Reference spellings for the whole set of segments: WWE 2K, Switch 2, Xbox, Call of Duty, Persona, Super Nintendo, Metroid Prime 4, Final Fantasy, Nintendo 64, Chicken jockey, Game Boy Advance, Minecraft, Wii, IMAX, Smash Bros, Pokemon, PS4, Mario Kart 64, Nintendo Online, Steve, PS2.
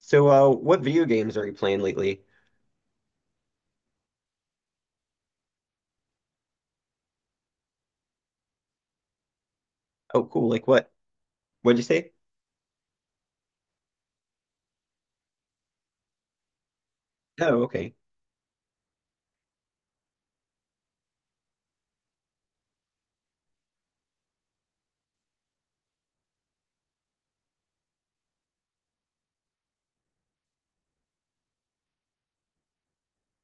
So, what video games are you playing lately? Oh, cool. Like what? What'd you say? Oh, okay.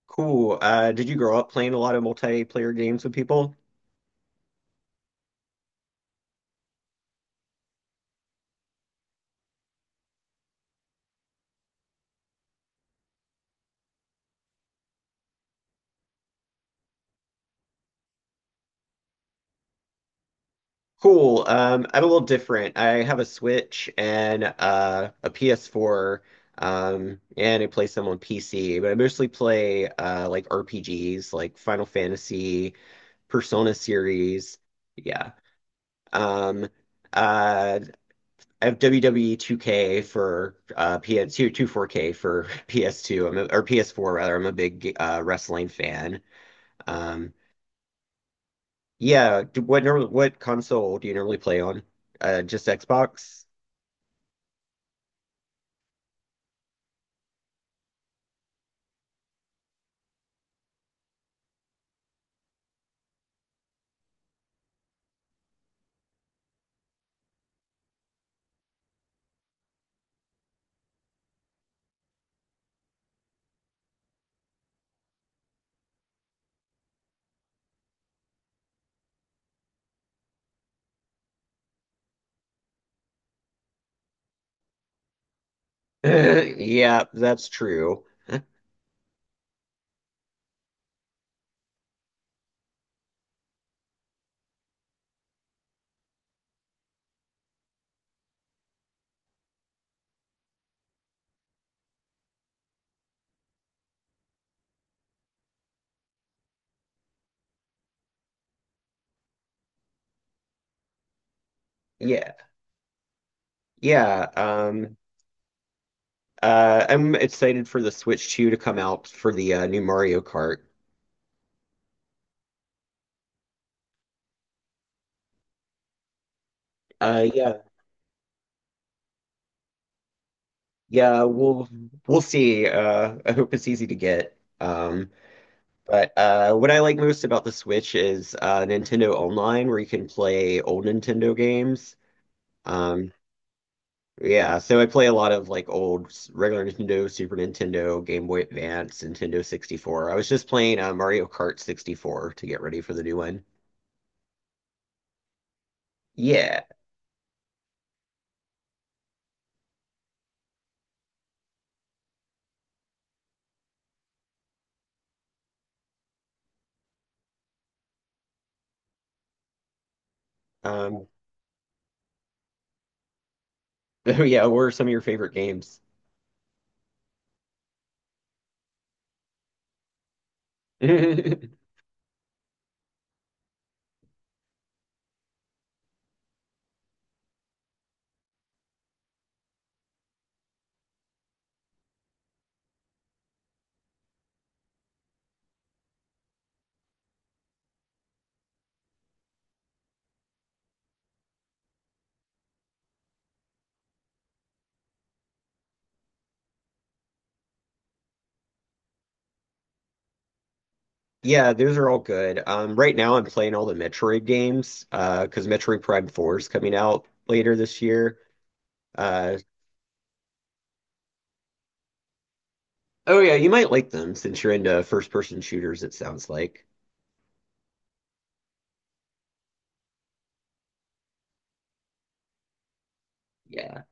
Cool. Did you grow up playing a lot of multiplayer games with people? Cool. I'm a little different. I have a Switch and a PS4, and I play some on PC, but I mostly play like RPGs, like Final Fantasy, Persona series. Yeah. Um, uh, I have WWE 2K for PS2, 24K for PS2, or PS4 rather. I'm a big wrestling fan. Um, yeah, what console do you normally play on? Just Xbox? Yeah, that's true. Yeah, yeah. I'm excited for the Switch 2 to come out for the new Mario Kart. Yeah, yeah. We'll see. I hope it's easy to get. But what I like most about the Switch is Nintendo Online, where you can play old Nintendo games. Um, yeah, so I play a lot of like regular Nintendo, Super Nintendo, Game Boy Advance, Nintendo 64. I was just playing Mario Kart 64 to get ready for the new one. Yeah. Um, yeah, what are some of your favorite games? Yeah, those are all good. Right now I'm playing all the Metroid games, because Metroid Prime 4 is coming out later this year. Uh, Oh yeah, you might like them since you're into first-person shooters, it sounds like. Yeah.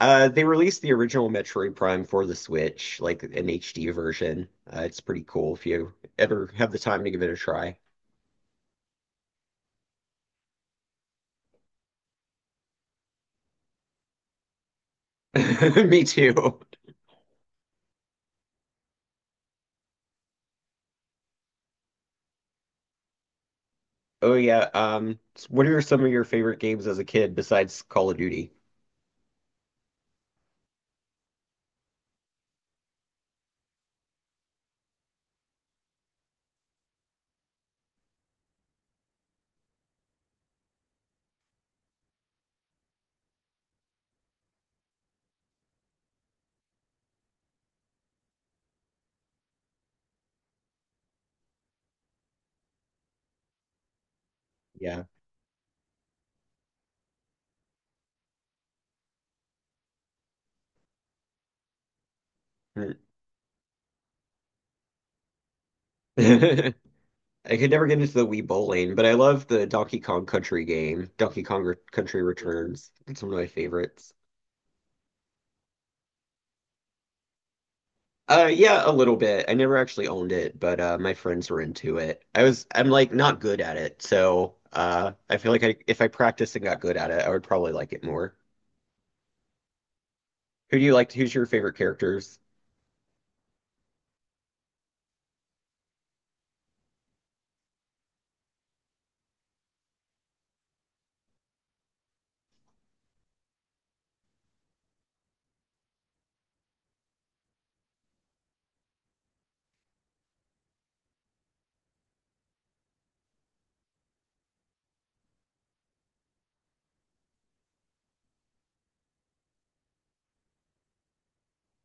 They released the original Metroid Prime for the Switch, like an HD version. It's pretty cool if you ever have the time to give it a try. Me too. Oh yeah. What are some of your favorite games as a kid besides Call of Duty? Yeah. Mm. I could never get into the Wii Bowling, but I love the Donkey Kong Country game. Country Returns. It's one of my favorites. Yeah, a little bit. I never actually owned it, but my friends were into it. I'm like not good at it, so I feel like if I practiced and got good at it, I would probably like it more. Who do you like? Who's your favorite characters?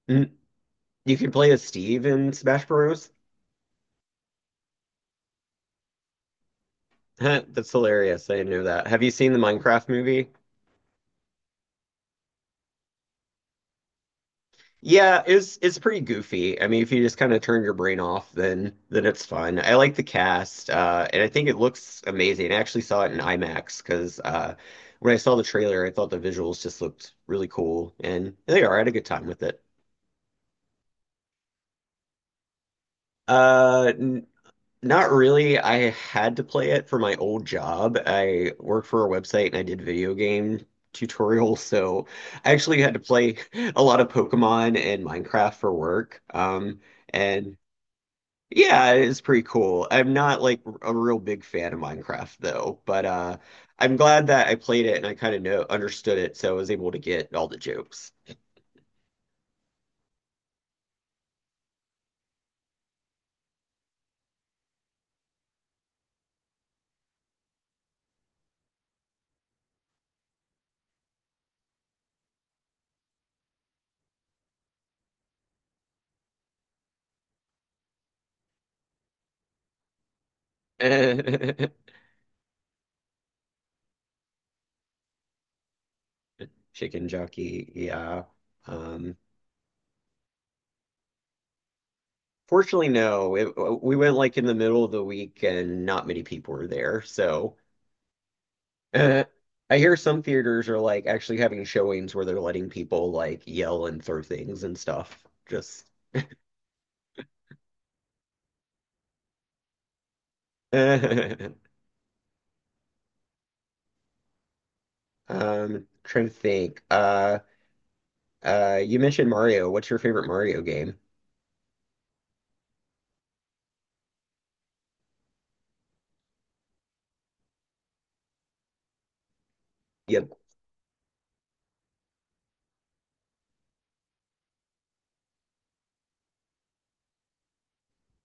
Mm, you can play as Steve in Smash Bros. That's hilarious. I didn't know that. Have you seen the Minecraft movie? Yeah, it's pretty goofy. I mean, if you just kind of turn your brain off, then it's fun. I like the cast, and I think it looks amazing. I actually saw it in IMAX because when I saw the trailer, I thought the visuals just looked really cool, and they are. I had a good time with it. N Not really. I had to play it for my old job. I worked for a website and I did video game tutorials, so I actually had to play a lot of Pokemon and Minecraft for work. And Yeah, it's pretty cool. I'm not like a real big fan of Minecraft though, but I'm glad that I played it and I kind of know understood it, so I was able to get all the jokes. Chicken jockey, yeah. Um Fortunately no, we went like in the middle of the week and not many people were there. So uh, I hear some theaters are like actually having showings where they're letting people like yell and throw things and stuff. Just um trying to think. You mentioned Mario. What's your favorite Mario game? Yep,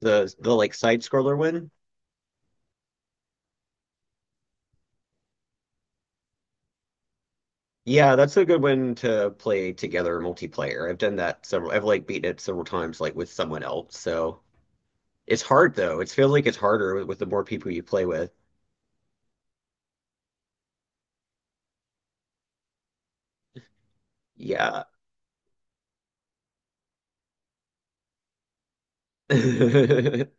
the like side scroller one. Yeah, that's a good one to play together multiplayer. I've done that several. I've like beaten it several times, like with someone else. So it's hard though. It feels like it's harder with the more people you play with. Yeah. How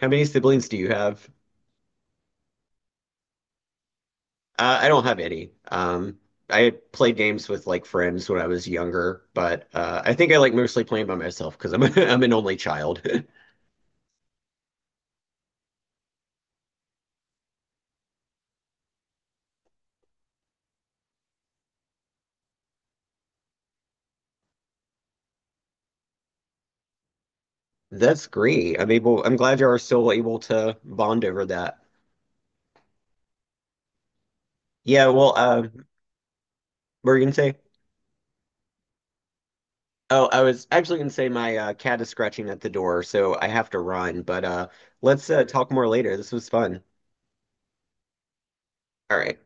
many siblings do you have? I don't have any. I played games with like friends when I was younger, but I think I like mostly playing by myself because I'm I'm an only child. That's great. I'm glad you are still able to bond over that. Yeah, well, what were you gonna say? Oh, I was actually gonna say my cat is scratching at the door, so I have to run, but let's talk more later. This was fun. All right.